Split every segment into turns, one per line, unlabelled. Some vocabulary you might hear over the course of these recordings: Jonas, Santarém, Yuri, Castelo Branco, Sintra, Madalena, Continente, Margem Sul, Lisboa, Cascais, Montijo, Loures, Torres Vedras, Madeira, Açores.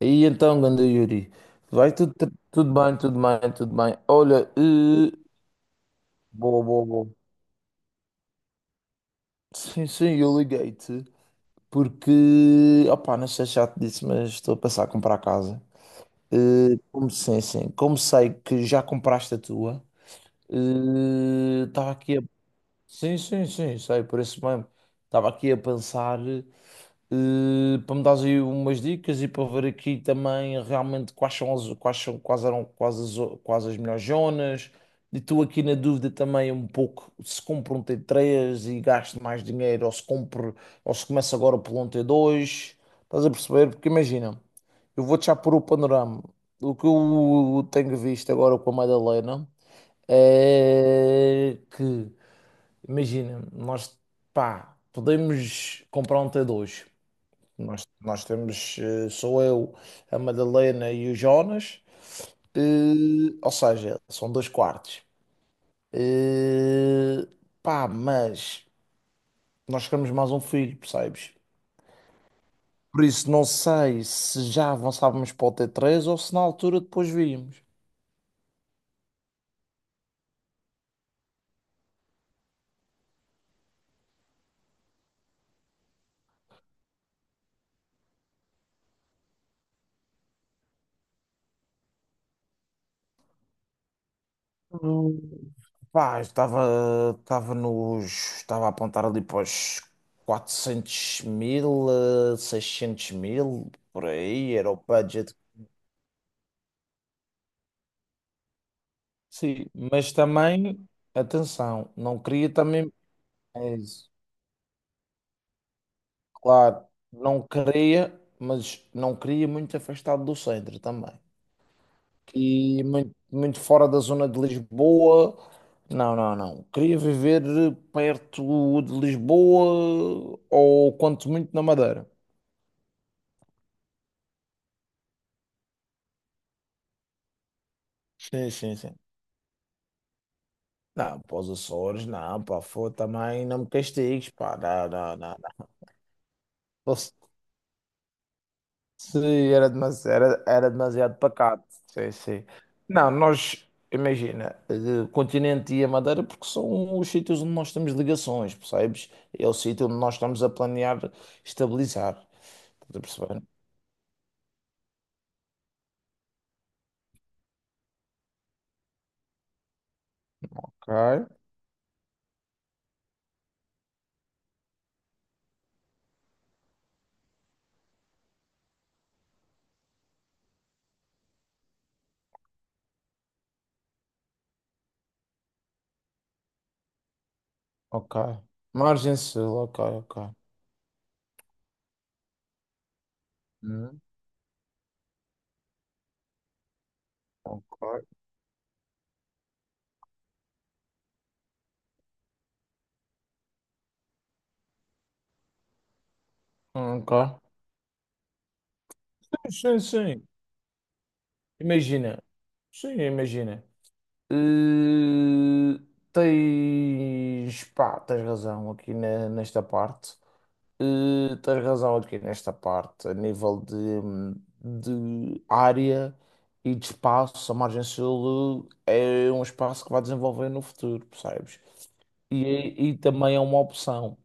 E então, ganda Yuri, vai tudo, tudo bem, tudo bem, tudo bem. Olha, boa, boa, boa. Sim, sim, eu liguei-te porque, opá, não sei se já te disse, mas estou a pensar em comprar casa. Como, sim, sim, como sei que já compraste a tua, estava aqui a. Sim, sim, sim, sei, por isso mesmo. Estava aqui a pensar. Para me dares aí umas dicas e para ver aqui também realmente quais eram quais as, o- quais as melhores zonas. E estou aqui na dúvida também um pouco se compro um T3 e gasto mais dinheiro ou se compro ou se começo agora por um T2. Estás a perceber? Porque imagina, eu vou-te já pôr o panorama. O que eu tenho visto agora com a Madalena é que, imagina, nós, pá, podemos comprar um T2. Nós temos, sou eu, a Madalena e o Jonas, ou seja, são dois quartos. Eh, mas nós queremos mais um filho, percebes? Por isso, não sei se já avançávamos para o T3 ou se na altura depois víamos. Hum, Pá, estava a apontar ali para os 400 mil, 600 mil, por aí, era o budget. Sim, mas também, atenção, não queria também, é isso, claro, não queria, mas não queria muito afastado do centro também. E muito, muito fora da zona de Lisboa. Não, não, não. Queria viver perto de Lisboa ou quanto muito na Madeira. Sim, sim, sim. Não, para os Açores, não, pá, foi também, não me castigues, pá, não, não, não, não. Sim, era demasiado, era demasiado pacato. Sim, sim. Não, nós, imagina, Continente e a Madeira, porque são os sítios onde nós temos ligações, percebes? É o sítio onde nós estamos a planear estabilizar. Estás a perceber? Ok, ok. Margem Sul, ok, ok. Hum, ok. Ok. Sim, sim, sim. Imagina. Sim, imagina. Eh, Tens, pá, tens razão aqui nesta parte. Tens razão aqui nesta parte, a nível de, área e de espaço, a margem sul é um espaço que vai desenvolver no futuro, percebes? E também é uma opção.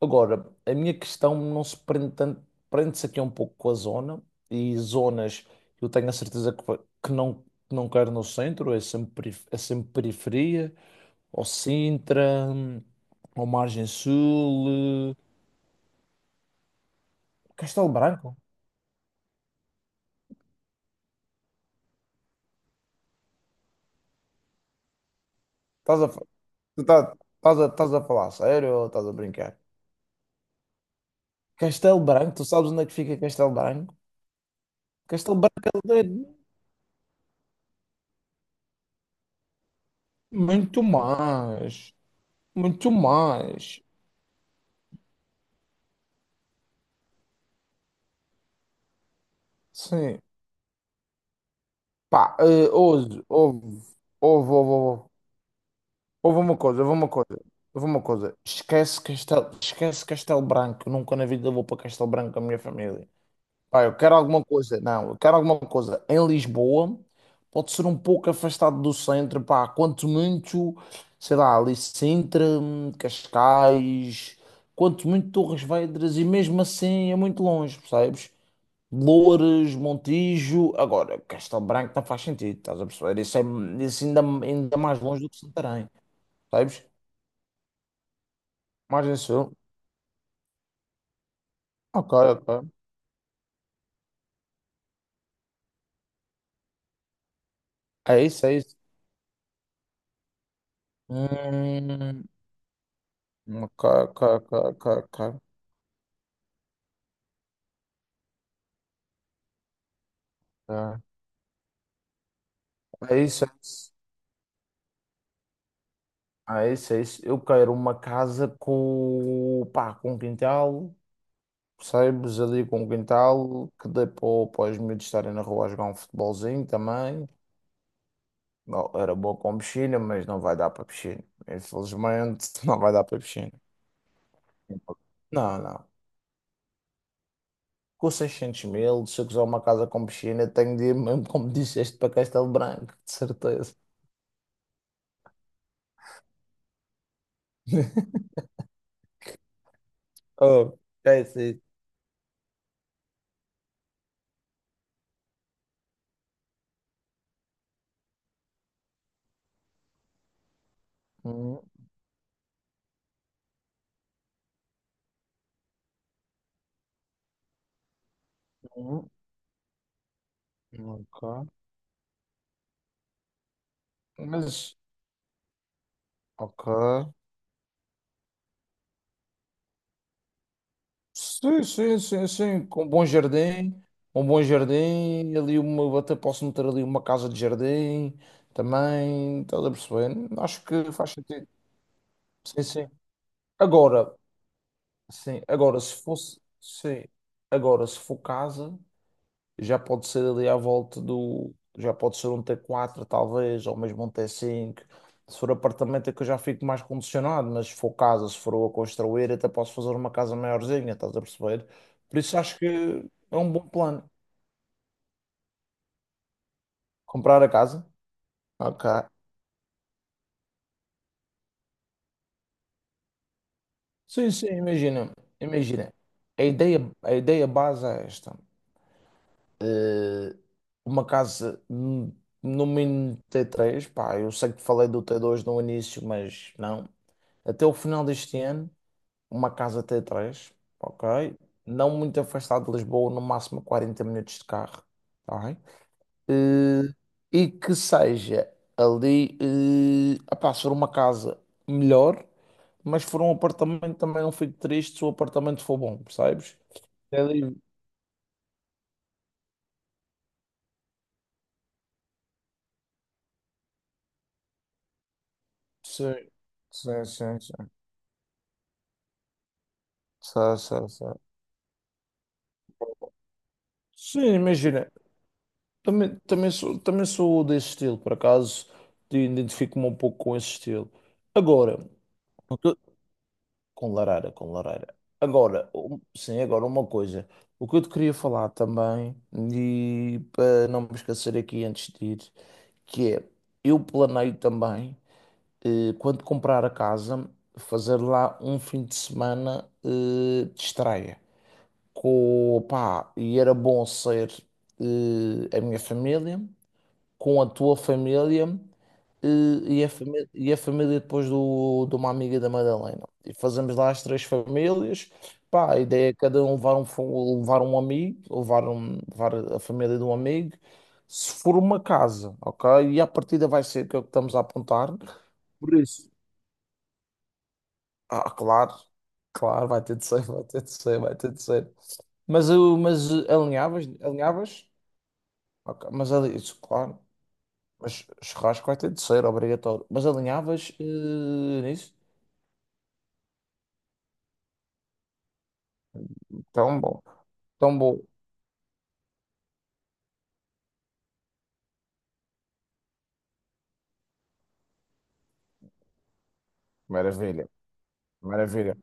Agora, a minha questão não se prende tanto, prende-se aqui um pouco com a zona, e zonas eu tenho a certeza que, que não quero no centro, é sempre periferia, ou Sintra, ou margem sul, Castelo Branco. Estás a, fa- estás a falar sério ou estás a brincar? Castelo Branco, tu sabes onde é que fica Castelo Branco? Castelo Branco é de- muito mais, muito mais. Sim. Pá, hoje, houve, houve, houve, houve uma coisa, houve uma coisa, houve uma coisa. Esquece Castelo Branco, nunca na vida vou para Castelo Branco com a minha família. Pá, eu quero alguma coisa, não, eu quero alguma coisa em Lisboa, pode ser um pouco afastado do centro, pá, quanto muito, sei lá, ali Sintra, Cascais, quanto muito Torres Vedras, e mesmo assim é muito longe, percebes? Loures, Montijo, agora, Castelo Branco não faz sentido, estás a perceber? Isso é isso ainda mais longe do que Santarém, percebes? Margem Sul, ok, ok, é isso, é isso. Hum, ok, ok, ok, ok, ok. É isso, é isso. Ah, é isso, é isso. Eu quero uma casa com, pá, com um quintal, percebes? Ali com um quintal que dê para os miúdos estarem na rua a jogar um futebolzinho também. Não, era boa com piscina, mas não vai dar para piscina. Infelizmente, não vai dar para piscina. Não, não. Com 600 mil, se eu quiser uma casa com piscina, tenho de ir mesmo, como disseste, para Castelo Branco, de certeza. Oh, é isso. Aí. Hum, hum, ok. Mas, ok. Sim, sim, sim, sim, com um bom jardim, até posso meter ali uma casa de jardim também, estás a perceber? Acho que faz sentido. Sim, sim. Agora, sim, agora se fosse, sim, agora se for casa já pode ser ali à volta do. Já pode ser um T4 talvez, ou mesmo um T5. Se for apartamento é que eu já fico mais condicionado, mas se for casa, se for eu a construir, até posso fazer uma casa maiorzinha, estás a perceber? Por isso acho que é um bom plano. Comprar a casa? Ok. Sim, sim, imagina. Imagina. A ideia base é esta. Eh, uma casa no mínimo T3, pá, eu sei que falei do T2 no início, mas não. Até o final deste ano, uma casa T3, ok? Não muito afastado de Lisboa, no máximo 40 minutos de carro, tá bem? Eh, E, que seja ali, apá, se for uma casa melhor, mas se for um apartamento também não fico triste se o apartamento for bom, percebes? É ali, sim, sim, sim, sim. Sim, sim, sim. Sim, imagina. Também sou desse estilo, por acaso identifico-me um pouco com esse estilo. Agora, o que eu- com Larara, com Larara. Agora, sim, agora uma coisa. O que eu te queria falar também, e para não me esquecer aqui antes de ir, que é, eu planeio também, quando comprar a casa, fazer lá um fim de semana, de estreia. Com, pá, e era bom ser, a minha família com a tua família e, e a família depois de uma amiga da Madalena. E fazemos lá as três famílias. Pá, a ideia é cada um levar um, levar um amigo, levar a família de um amigo. Se for uma casa, ok? E a partida vai ser que é o que estamos a apontar. Por isso. Ah, claro, claro, vai ter de ser, vai ter de ser, vai ter de ser. Mas, alinhavas, alinhavas? Ok, mas ali, isso, claro. Mas churrasco vai ter de ser, obrigatório. Mas alinhavas nisso? Tão bom, tão bom. Maravilha, maravilha.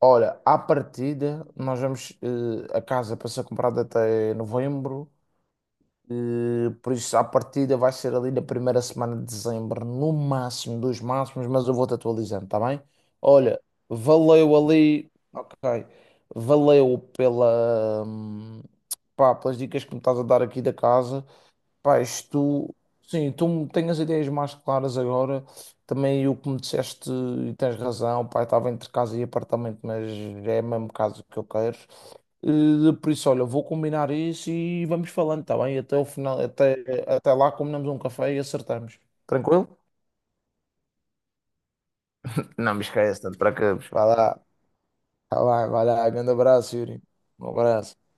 Olha, à partida, nós vamos, a casa para ser comprada até novembro. Por isso, à partida, vai ser ali na primeira semana de dezembro, no máximo, dos máximos, mas eu vou-te atualizando, tá bem? Olha, valeu ali. Ok. Valeu pá, pelas dicas que me estás a dar aqui da casa. Pá, isto, sim, tu tens as ideias mais claras agora. Também o que me disseste, e tens razão, pá, eu estava entre casa e apartamento, mas é o mesmo caso que eu quero. Por isso, olha, vou combinar isso e vamos falando, tá bem? Até o final, até lá combinamos um café e acertamos. Tranquilo? Não me esquece, tanto para preocupes. Vai lá, tá bem, vai lá. Grande abraço, Yuri. Um abraço.